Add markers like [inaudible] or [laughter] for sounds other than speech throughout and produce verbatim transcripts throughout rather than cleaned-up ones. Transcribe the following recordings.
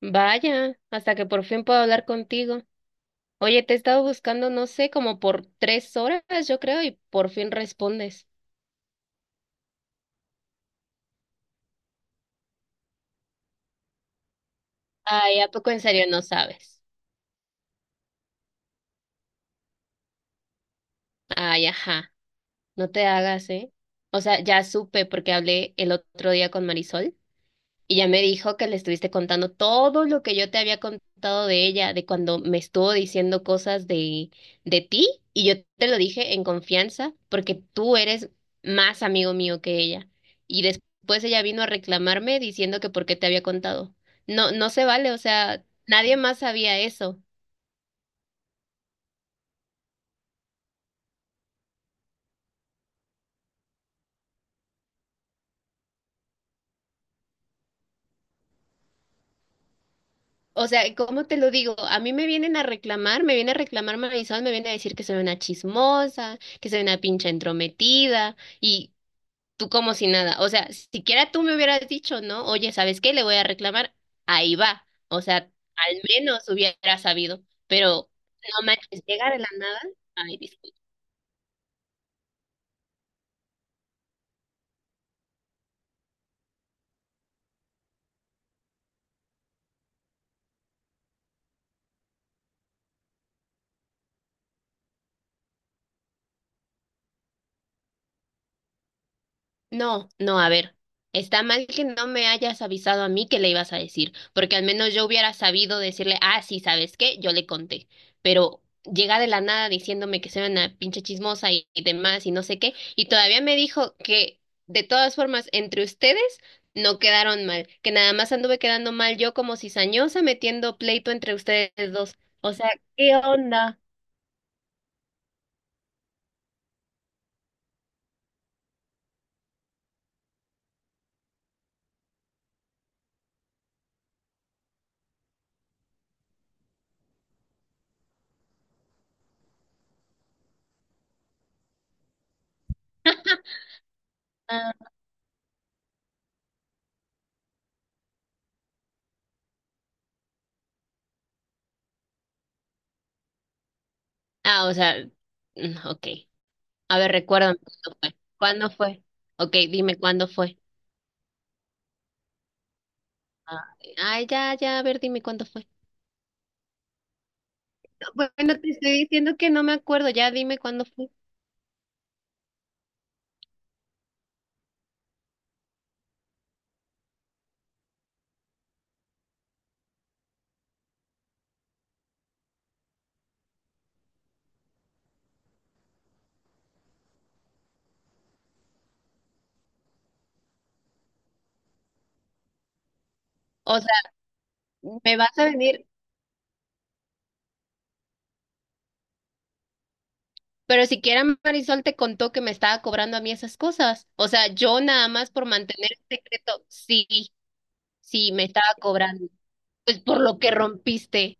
Vaya, hasta que por fin puedo hablar contigo. Oye, te he estado buscando, no sé, como por tres horas, yo creo, y por fin respondes. Ay, ¿a poco en serio no sabes? Ay, ajá, no te hagas, ¿eh? O sea, ya supe porque hablé el otro día con Marisol. Y ya me dijo que le estuviste contando todo lo que yo te había contado de ella, de cuando me estuvo diciendo cosas de, de ti, y yo te lo dije en confianza, porque tú eres más amigo mío que ella. Y después ella vino a reclamarme diciendo que por qué te había contado. No, no se vale, o sea, nadie más sabía eso. O sea, ¿cómo te lo digo? A mí me vienen a reclamar, me viene a reclamar Marisol, me viene a decir que soy una chismosa, que soy una pinche entrometida. Y tú como si nada. O sea, siquiera tú me hubieras dicho, ¿no? Oye, ¿sabes qué? Le voy a reclamar. Ahí va. O sea, al menos hubiera sabido. Pero no manches, llega de la nada. Ay, disculpa. No, no, a ver, está mal que no me hayas avisado a mí que le ibas a decir, porque al menos yo hubiera sabido decirle, ah, sí, ¿sabes qué? Yo le conté, pero llega de la nada diciéndome que soy una pinche chismosa y, y demás y no sé qué, y todavía me dijo que de todas formas entre ustedes no quedaron mal, que nada más anduve quedando mal yo como cizañosa metiendo pleito entre ustedes dos. O sea, ¿qué onda? Ah, ah, o sea, mm, ok. A ver, recuérdame cuándo fue. ¿Cuándo fue? Ok, dime cuándo fue. Ay, ay, ya, ya, a ver, dime cuándo fue. No. Bueno, te estoy diciendo que no me acuerdo, ya dime cuándo fue. O sea, me vas a venir, pero siquiera Marisol te contó que me estaba cobrando a mí esas cosas. O sea, yo nada más por mantener el secreto, sí, sí, me estaba cobrando. Pues por lo que rompiste.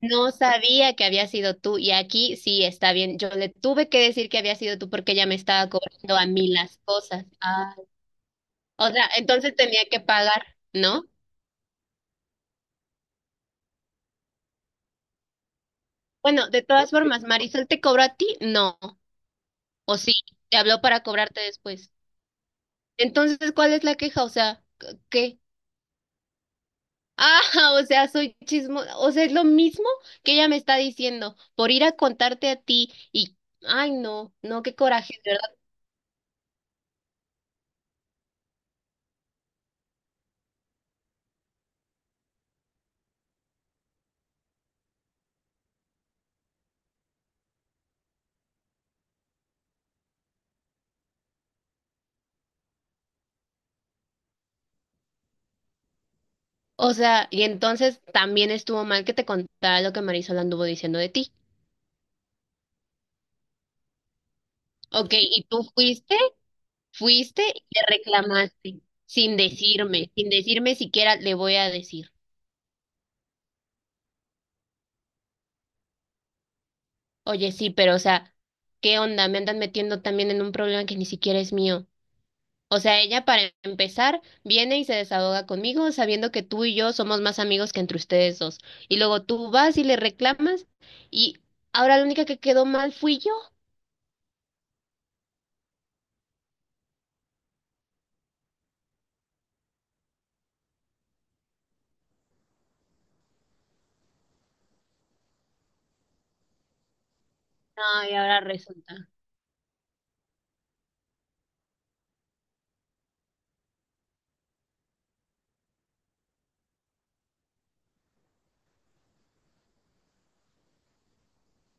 No sabía que había sido tú y aquí sí está bien. Yo le tuve que decir que había sido tú porque ella me estaba cobrando a mí las cosas. Ah. O sea, entonces tenía que pagar, ¿no? Bueno, de todas formas, ¿Marisol te cobró a ti? No. ¿O sí? Te habló para cobrarte después. Entonces, ¿cuál es la queja? O sea, c- ¿qué? Ah, [laughs] o sea, soy chismo, o sea, es lo mismo que ella me está diciendo, por ir a contarte a ti y, ay, no, no, qué coraje, de verdad. O sea, y entonces también estuvo mal que te contara lo que Marisol anduvo diciendo de ti. Ok, ¿y tú fuiste? Fuiste y le reclamaste, sin decirme, sin decirme siquiera le voy a decir. Oye, sí, pero o sea, ¿qué onda? Me andan metiendo también en un problema que ni siquiera es mío. O sea, ella para empezar viene y se desahoga conmigo sabiendo que tú y yo somos más amigos que entre ustedes dos. Y luego tú vas y le reclamas y ahora la única que quedó mal fui yo. Ay, ahora resulta.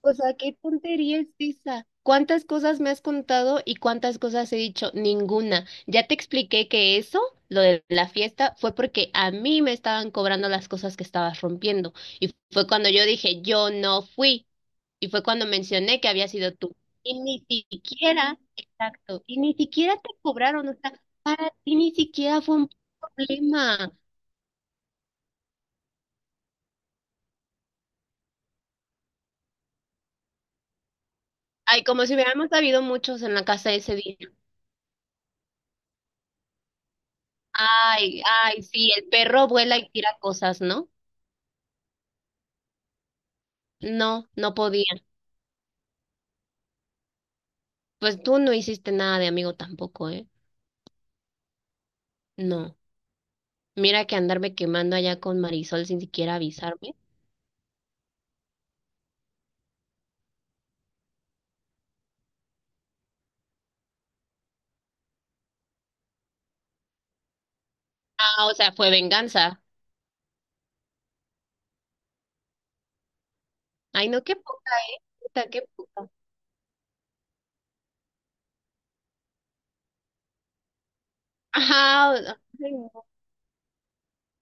O sea, qué tontería es esa. ¿Cuántas cosas me has contado y cuántas cosas he dicho? Ninguna. Ya te expliqué que eso, lo de la fiesta, fue porque a mí me estaban cobrando las cosas que estabas rompiendo. Y fue cuando yo dije, yo no fui. Y fue cuando mencioné que había sido tú. Y ni siquiera, exacto, y ni siquiera te cobraron. O sea, para ti ni siquiera fue un problema. Ay, como si hubiéramos habido muchos en la casa ese día. Ay, ay, sí, el perro vuela y tira cosas, ¿no? No, no podía. Pues tú no hiciste nada de amigo tampoco, ¿eh? No. Mira que andarme quemando allá con Marisol sin siquiera avisarme. Ah, o sea, fue venganza. Ay, no, qué poca, ¿eh? Puta, qué poca. Ajá, o- ay, no.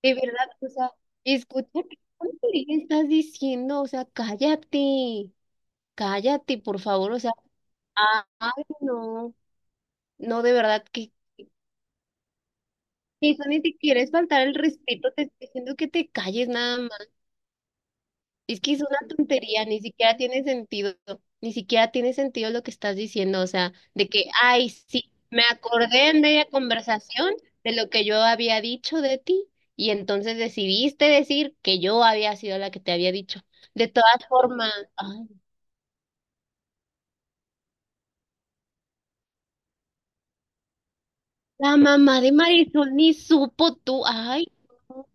De verdad, o sea, escucha qué tontería estás diciendo, o sea, cállate, cállate, por favor, o sea, ah, ay, no. No, de verdad, y eso ni siquiera es faltar el respeto, te estoy diciendo que te calles nada más. Es que es una tontería, ni siquiera tiene sentido, ni siquiera tiene sentido lo que estás diciendo, o sea, de que, ay, sí, me acordé en media conversación de lo que yo había dicho de ti y entonces decidiste decir que yo había sido la que te había dicho. De todas formas, ay, la mamá de Marisol ni supo tú, ay, no,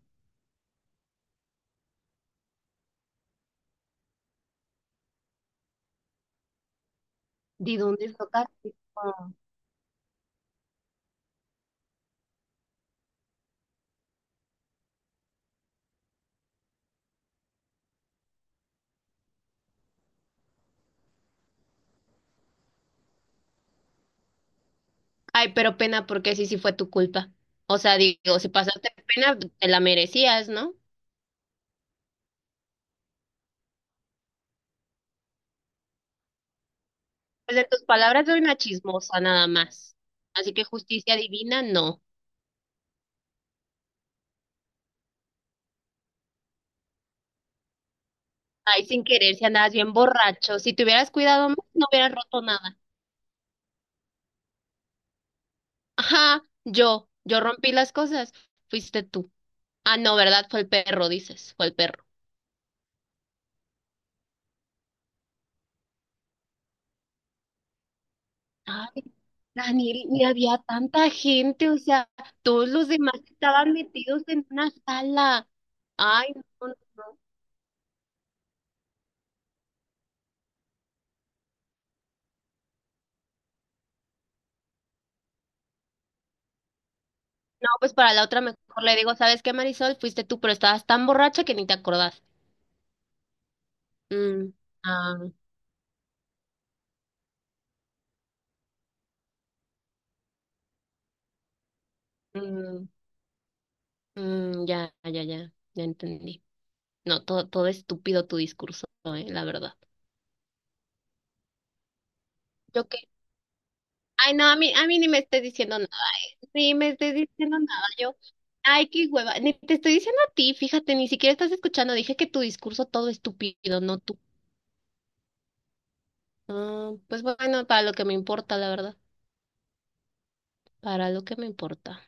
¿de dónde sacaste? Ay, pero pena porque sí, sí fue tu culpa. O sea, digo, si pasaste pena, te la merecías, ¿no? Pues en tus palabras soy una chismosa nada más. Así que justicia divina, no. Ay, sin querer, si andabas bien borracho. Si te hubieras cuidado más, no hubieras roto nada. Ajá, yo, yo rompí las cosas. Fuiste tú. Ah, no, ¿verdad? Fue el perro, dices. Fue el perro. Ay, Daniel, ni había tanta gente. O sea, todos los demás estaban metidos en una sala. Ay, no, no, no. No, pues para la otra mejor le digo, ¿sabes qué, Marisol? Fuiste tú, pero estabas tan borracha que ni te acordaste. Mm, ah, mm, mm, ya, ya, ya, ya entendí. No, todo, todo estúpido tu discurso, eh, la verdad. ¿Yo qué? Ay, no, a mí, a mí ni me estés diciendo nada. Ay, ni me estés diciendo nada. Yo, ay, qué hueva. Ni te estoy diciendo a ti, fíjate, ni siquiera estás escuchando. Dije que tu discurso todo estúpido, no tú. Ah, pues bueno, para lo que me importa, la verdad. Para lo que me importa.